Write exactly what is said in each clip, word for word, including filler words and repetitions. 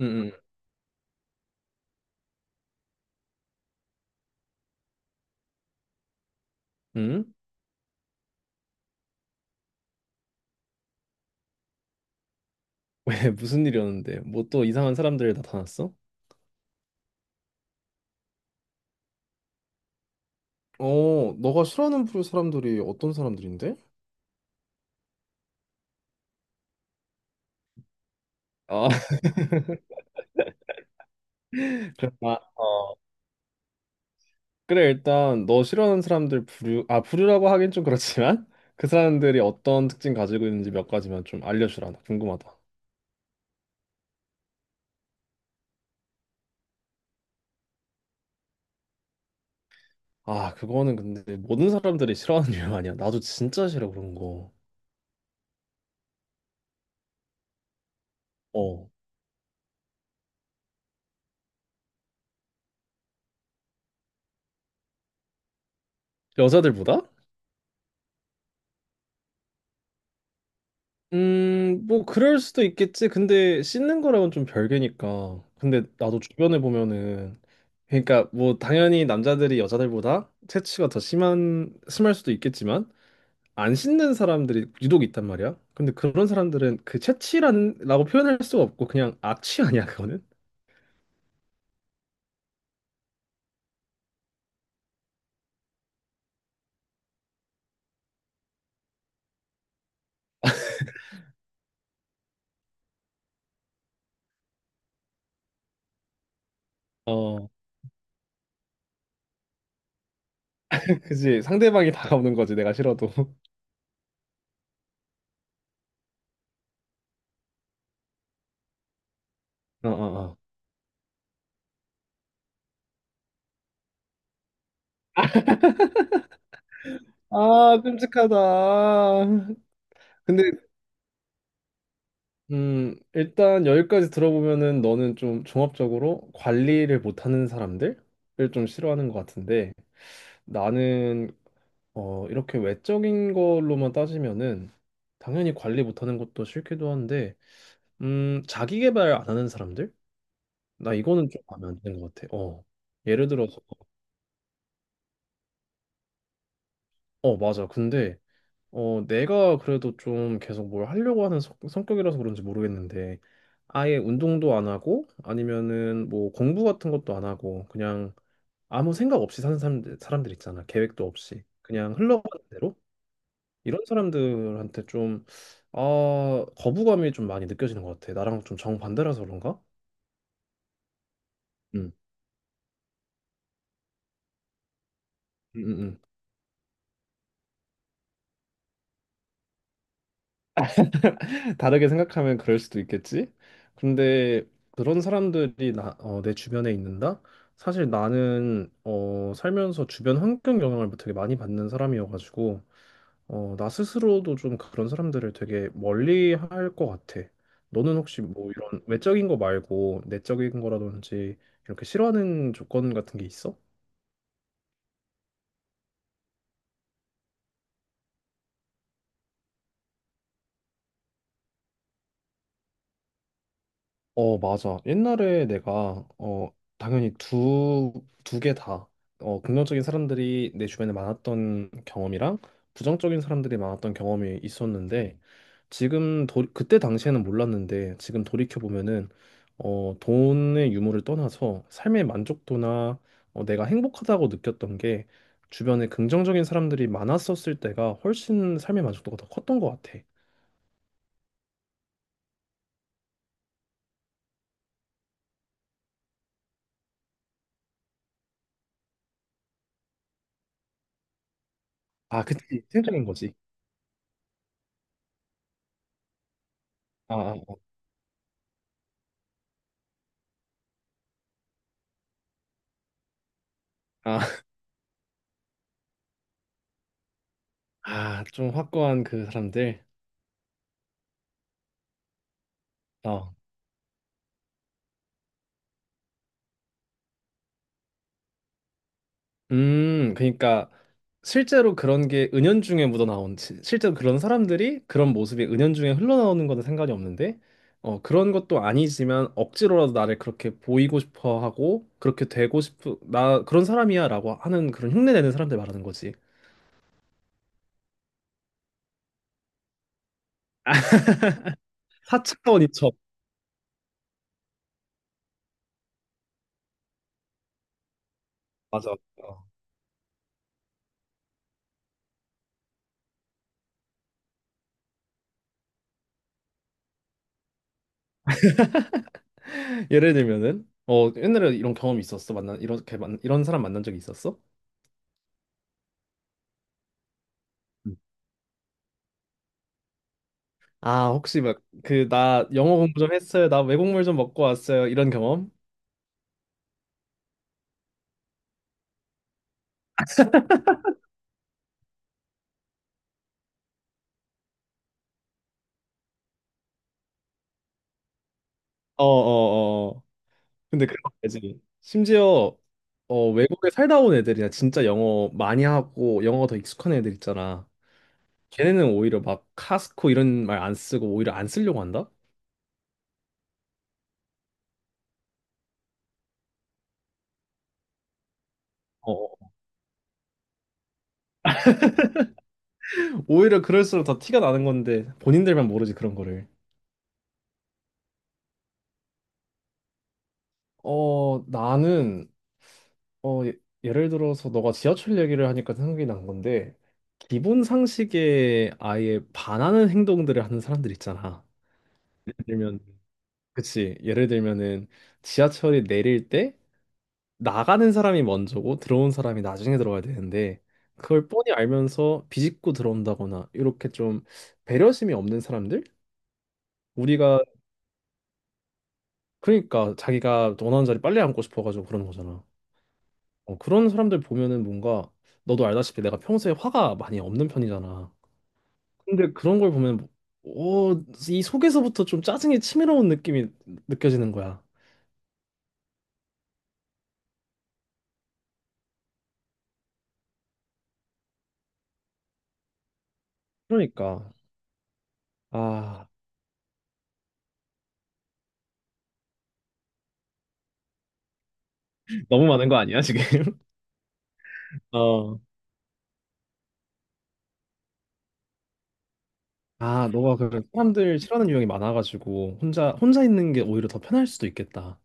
응, 응, 응? 왜 무슨 일이었는데? 뭐 또 이상한 사람들 나타났어? 어, 너가 싫어하는 부류 사람들이 어떤 사람들인데? 아, 그래, 나, 어. 그래, 일단 너 싫어하는 사람들 부류, 아, 부류라고 하긴 좀 그렇지만 그 사람들이 어떤 특징 가지고 있는지 몇 가지만 좀 알려주라. 나 궁금하다. 아, 그거는 근데 모든 사람들이 싫어하는 이유 아니야. 나도 진짜 싫어, 그런 거. 어. 여자들보다? 음, 뭐, 그럴 수도 있겠지. 근데 씻는 거랑은 좀 별개니까. 근데 나도 주변에 보면은, 그러니까 뭐, 당연히 남자들이 여자들보다 체취가 더 심한, 심할 수도 있겠지만, 안 씻는 사람들이 유독 있단 말이야. 근데 그런 사람들은 그 체취라는, 라고 표현할 수가 없고, 그냥 악취 아니야, 그거는? 어, 그지. 상대방이 다가오는 거지, 내가 싫어도. 어, 어, 어. 아, 끔찍하다. 근데 음, 일단 여기까지 들어보면은 너는 좀 종합적으로 관리를 못하는 사람들을 좀 싫어하는 것 같은데 나는 어, 이렇게 외적인 걸로만 따지면은 당연히 관리 못하는 것도 싫기도 한데 음, 자기 개발 안 하는 사람들? 나 이거는 좀 마음에 안 드는 것 같아. 어. 예를 들어서 어, 맞아. 근데 어, 내가 그래도 좀 계속 뭘 하려고 하는 성, 성격이라서 그런지 모르겠는데, 아예 운동도 안 하고, 아니면은 뭐 공부 같은 것도 안 하고, 그냥 아무 생각 없이 사는 사람들, 사람들 있잖아. 계획도 없이. 그냥 흘러가는 대로? 이런 사람들한테 좀, 아, 거부감이 좀 많이 느껴지는 것 같아. 나랑 좀 정반대라서 그런가? 응, 응, 응. 다르게 생각하면 그럴 수도 있겠지. 근데 그런 사람들이 나, 어, 내 주변에 있는다? 사실 나는 어, 살면서 주변 환경 영향을 되게 많이 받는 사람이어가지고 어, 나 스스로도 좀 그런 사람들을 되게 멀리 할 것 같아. 너는 혹시 뭐 이런 외적인 거 말고 내적인 거라든지 이렇게 싫어하는 조건 같은 게 있어? 어, 맞아. 옛날에 내가, 어, 당연히 두, 두 개 다, 어, 긍정적인 사람들이 내 주변에 많았던 경험이랑 부정적인 사람들이 많았던 경험이 있었는데, 지금, 도, 그때 당시에는 몰랐는데, 지금 돌이켜보면은, 어, 돈의 유무를 떠나서 삶의 만족도나, 어, 내가 행복하다고 느꼈던 게, 주변에 긍정적인 사람들이 많았었을 때가 훨씬 삶의 만족도가 더 컸던 것 같아. 아, 그치. 생각인 거지. 아, 아. 아. 아, 좀 확고한 그 사람들. 어. 음, 그러니까 실제로 그런 게 은연중에 묻어나온 시- 실제로 그런 사람들이 그런 모습이 은연중에 흘러나오는 거는 상관이 없는데 어, 그런 것도 아니지만 억지로라도 나를 그렇게 보이고 싶어 하고 그렇게 되고 싶어 나 그런 사람이야라고 하는 그런 흉내내는 사람들 말하는 거지. 사 차원 이첩. 맞아. 어. 예를 들면은 어, 옛날에 이런 경험이 있었어. 만난 이렇게 만, 이런 사람 만난 적이 있었어? 아, 혹시 막 그 나 영어 공부 좀 했어요. 나 외국물 좀 먹고 왔어요. 이런 경험? 어, 어, 어. 근데 그런 거지. 심지어 어, 외국에 살다 온 애들이나 진짜 영어 많이 하고 영어 더 익숙한 애들 있잖아. 걔네는 오히려 막 카스코 이런 말 안 쓰고 오히려 안 쓰려고 한다? 어. 오히려 그럴수록 더 티가 나는 건데 본인들만 모르지 그런 거를. 어, 나는 어, 예- 예를 들어서 너가 지하철 얘기를 하니까 생각이 난 건데 기본 상식에 아예 반하는 행동들을 하는 사람들 있잖아. 예를 들면 그치. 예를 들면은 지하철이 내릴 때 나가는 사람이 먼저고 들어온 사람이 나중에 들어가야 되는데 그걸 뻔히 알면서 비집고 들어온다거나 이렇게 좀 배려심이 없는 사람들? 우리가 그러니까 자기가 원하는 자리 빨리 앉고 싶어가지고 그런 거잖아. 어, 그런 사람들 보면은 뭔가 너도 알다시피 내가 평소에 화가 많이 없는 편이잖아. 근데 그런 걸 보면 어, 이 속에서부터 좀 짜증이 치밀어온 느낌이 느껴지는 거야. 그러니까 아 너무 많은 거 아니야, 지금? 어. 아, 너가 그 사람들 싫어하는 유형이 많아가지고 혼자 혼자 있는 게 오히려 더 편할 수도 있겠다.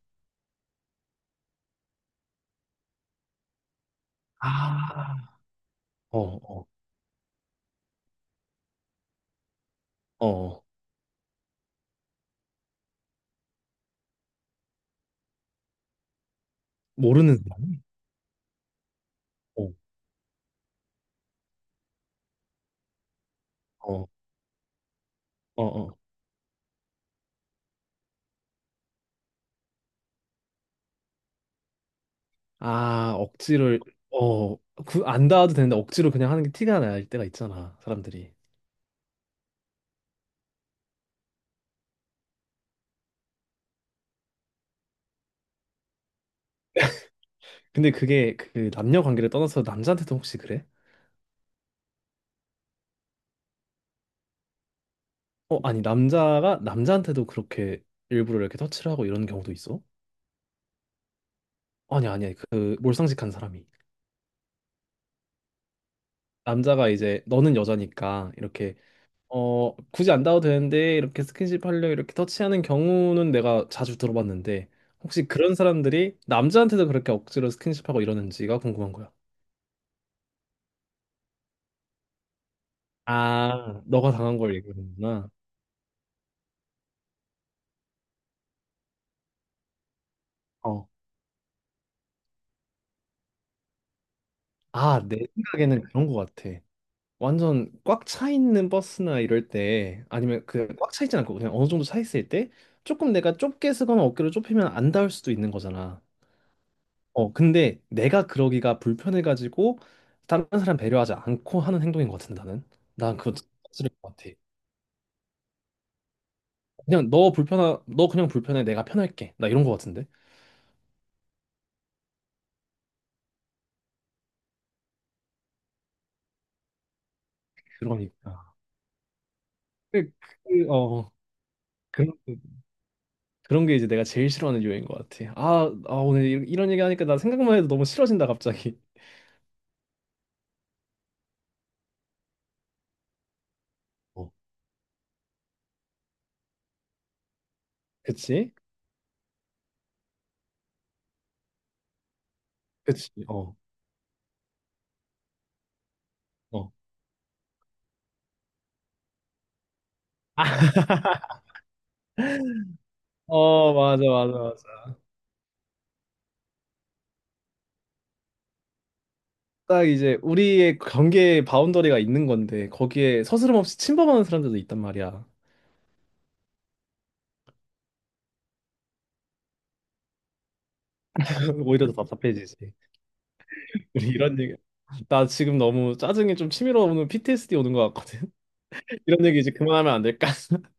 아, 어, 어, 어, 모르는 사람이? 어, 어, 어, 어. 아, 억지를, 어, 그, 안 닿아도 되는데 억지로 그냥 하는 게 티가 날 때가 있잖아, 사람들이. 근데 그게 그 남녀 관계를 떠나서 남자한테도 혹시 그래? 어, 아니, 남자가 남자한테도 그렇게 일부러 이렇게 터치를 하고 이런 경우도 있어? 아니, 아니, 그 몰상식한 사람이. 남자가 이제 너는 여자니까 이렇게 어, 굳이 안 닿아도 되는데 이렇게 스킨십 하려 이렇게 터치하는 경우는 내가 자주 들어봤는데 혹시 그런 사람들이 남자한테도 그렇게 억지로 스킨십하고 이러는지가 궁금한 거야. 아, 너가 당한 걸 얘기하는구나. 어. 아, 내 생각에는 그런 거 같아. 완전 꽉 차 있는 버스나 이럴 때 아니면 그 꽉 차 있진 않고 그냥 어느 정도 차 있을 때 조금 내가 좁게 쓰거나 어깨를 좁히면 안 닿을 수도 있는 거잖아. 어, 근데 내가 그러기가 불편해가지고 다른 사람 배려하지 않고 하는 행동인 것 같은데 나는. 난 그거 진짜 싫을 것 같아. 그냥 너 불편하, 너 그냥 불편해. 내가 편할게. 나 이런 것 같은데. 그러니까. 그, 그, 어, 그런, 그, 그런 게 이제 내가 제일 싫어하는 이유인 것 같아. 아, 아 오늘 이- 이런 얘기 하니까 나 생각만 해도 너무 싫어진다 갑자기. 어, 그치? 그치. 어. 어. 어, 맞아, 맞아, 맞아. 딱 이제 우리의 경계 바운더리가 있는 건데 거기에 서스럼 없이 침범하는 사람들도 있단 말이야. 오히려 더 답답해지지. 우리 이런 얘기. 나 지금 너무 짜증이 좀 치밀어 오는 피 티 에스 디 오는 것 같거든. 이런 얘기 이제 그만하면 안 될까?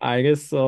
알겠어.